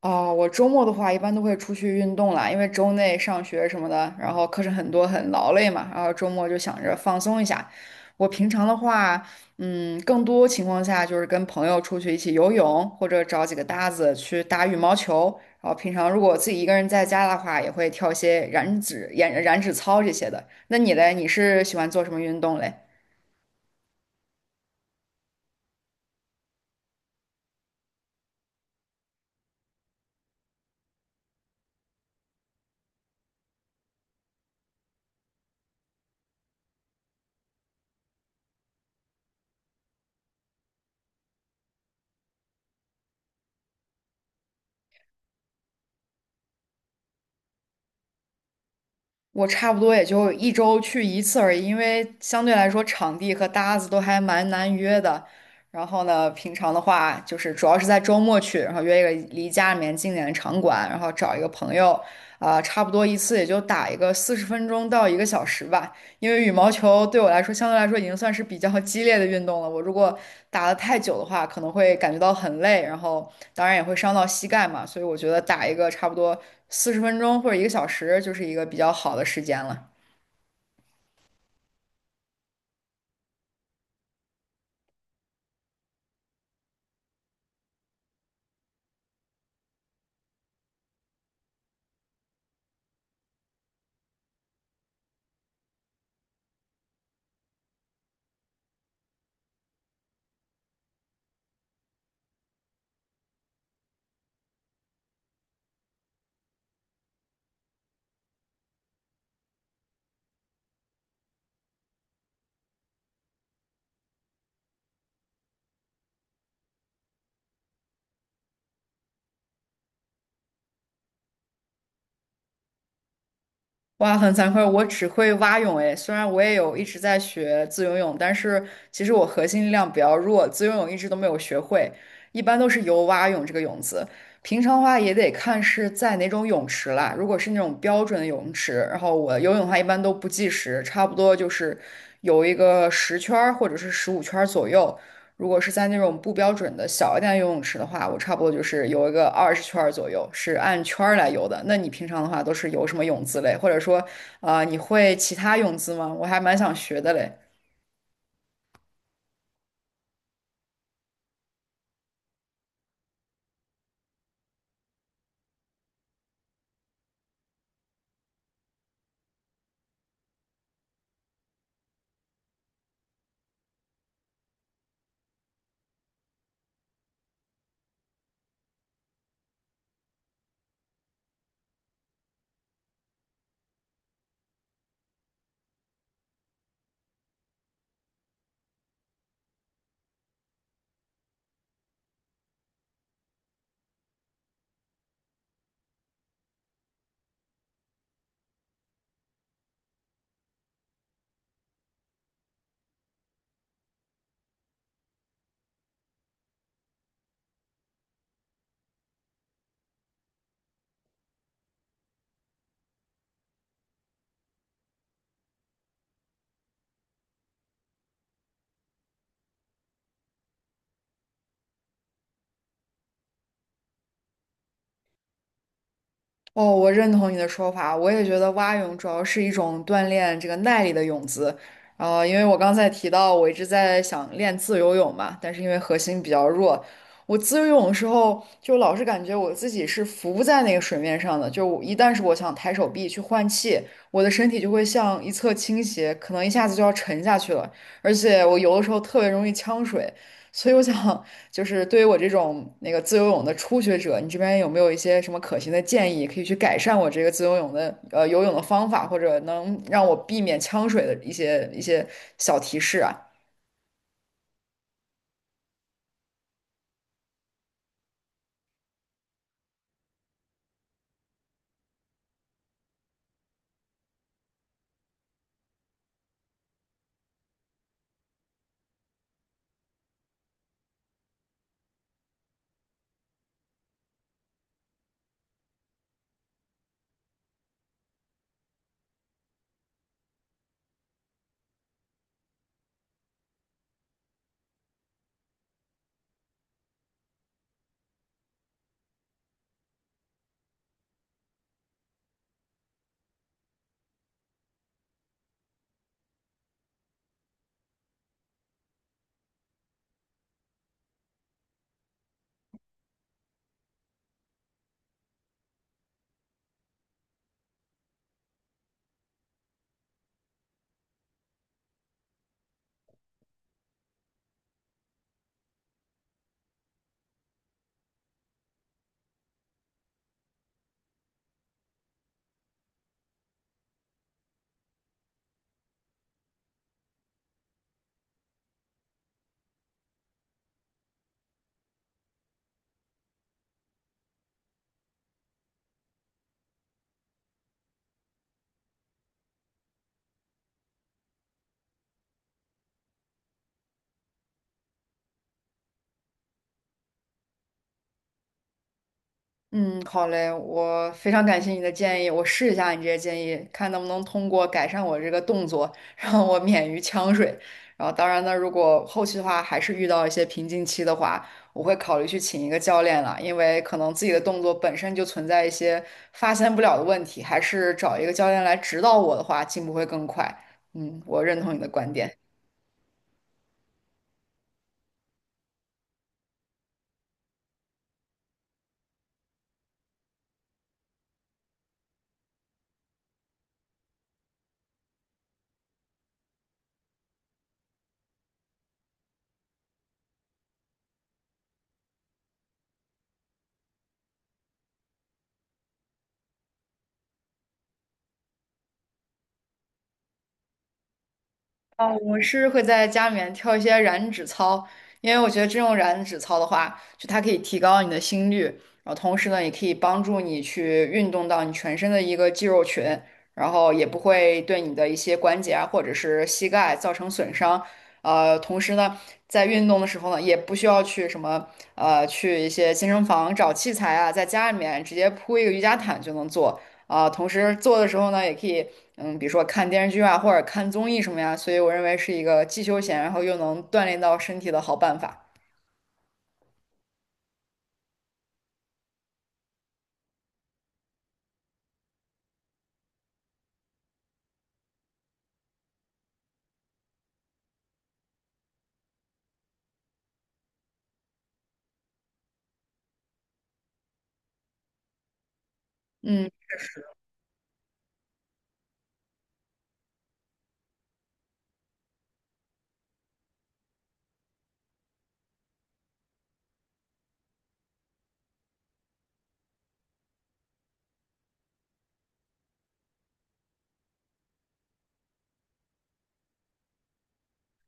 哦，我周末的话一般都会出去运动啦，因为周内上学什么的，然后课程很多，很劳累嘛，然后周末就想着放松一下。我平常的话，更多情况下就是跟朋友出去一起游泳，或者找几个搭子去打羽毛球。然后平常如果自己一个人在家的话，也会跳一些燃脂操这些的。那你嘞，你是喜欢做什么运动嘞？我差不多也就一周去一次而已，因为相对来说场地和搭子都还蛮难约的。然后呢，平常的话就是主要是在周末去，然后约一个离家里面近点的场馆，然后找一个朋友，差不多一次也就打一个四十分钟到一个小时吧。因为羽毛球对我来说相对来说已经算是比较激烈的运动了。我如果打的太久的话，可能会感觉到很累，然后当然也会伤到膝盖嘛。所以我觉得打一个差不多四十分钟或者一个小时，就是一个比较好的时间了。哇，很惭愧，我只会蛙泳诶。虽然我也有一直在学自由泳，但是其实我核心力量比较弱，自由泳一直都没有学会，一般都是游蛙泳这个泳姿。平常的话也得看是在哪种泳池啦。如果是那种标准的泳池，然后我游泳的话一般都不计时，差不多就是游一个十圈儿或者是十五圈儿左右。如果是在那种不标准的小一点的游泳池的话，我差不多就是游一个二十圈儿左右，是按圈儿来游的。那你平常的话都是游什么泳姿嘞？或者说，你会其他泳姿吗？我还蛮想学的嘞。哦，我认同你的说法，我也觉得蛙泳主要是一种锻炼这个耐力的泳姿。因为我刚才提到我一直在想练自由泳嘛，但是因为核心比较弱，我自由泳的时候就老是感觉我自己是浮在那个水面上的，就我一旦是我想抬手臂去换气，我的身体就会向一侧倾斜，可能一下子就要沉下去了，而且我游的时候特别容易呛水，所以我想。就是对于我这种那个自由泳的初学者，你这边有没有一些什么可行的建议，可以去改善我这个自由泳的游泳的方法，或者能让我避免呛水的一些小提示啊？嗯，好嘞，我非常感谢你的建议，我试一下你这些建议，看能不能通过改善我这个动作，让我免于呛水。然后，当然呢，如果后期的话还是遇到一些瓶颈期的话，我会考虑去请一个教练了，因为可能自己的动作本身就存在一些发现不了的问题，还是找一个教练来指导我的话，进步会更快。嗯，我认同你的观点。啊，我是会在家里面跳一些燃脂操，因为我觉得这种燃脂操的话，就它可以提高你的心率，然后同时呢，也可以帮助你去运动到你全身的一个肌肉群，然后也不会对你的一些关节啊或者是膝盖造成损伤。同时呢，在运动的时候呢，也不需要去什么去一些健身房找器材啊，在家里面直接铺一个瑜伽毯就能做。同时做的时候呢，也可以，比如说看电视剧啊，或者看综艺什么呀，所以我认为是一个既休闲，然后又能锻炼到身体的好办法。嗯。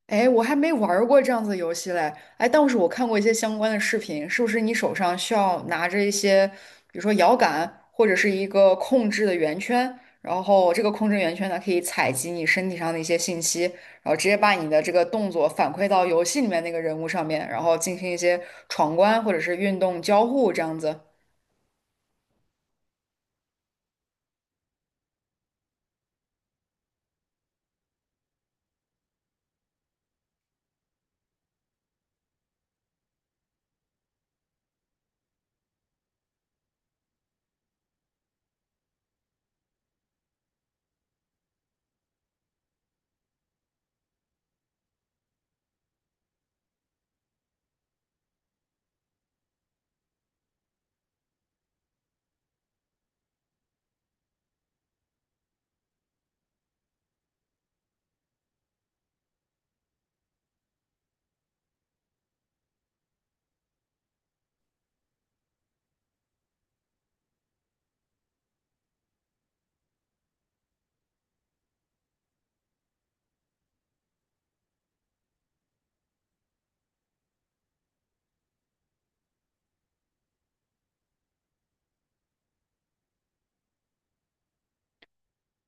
哎，我还没玩儿过这样子的游戏嘞。哎，但是我看过一些相关的视频，是不是你手上需要拿着一些，比如说摇杆或者是一个控制的圆圈，然后这个控制圆圈呢可以采集你身体上的一些信息，然后直接把你的这个动作反馈到游戏里面那个人物上面，然后进行一些闯关或者是运动交互这样子。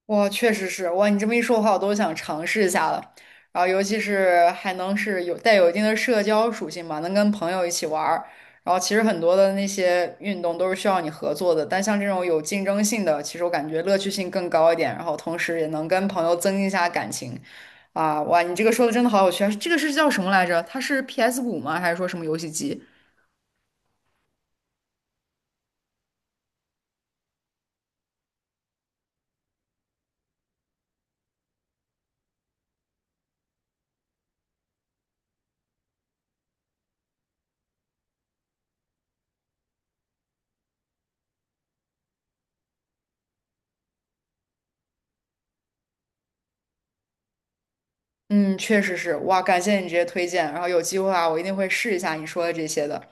哇，确实是哇！你这么一说的话，我都想尝试一下了。然后，尤其是还能是有带有一定的社交属性嘛，能跟朋友一起玩儿。然后，其实很多的那些运动都是需要你合作的，但像这种有竞争性的，其实我感觉乐趣性更高一点。然后，同时也能跟朋友增进一下感情。啊，哇，你这个说的真的好有趣啊！这个是叫什么来着？它是 PS 五吗？还是说什么游戏机？嗯，确实是哇，感谢你这些推荐。然后有机会啊，我一定会试一下你说的这些的。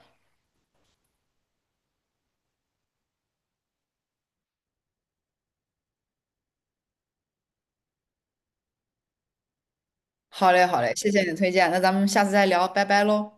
好嘞，好嘞，谢谢你的推荐，那咱们下次再聊，拜拜喽。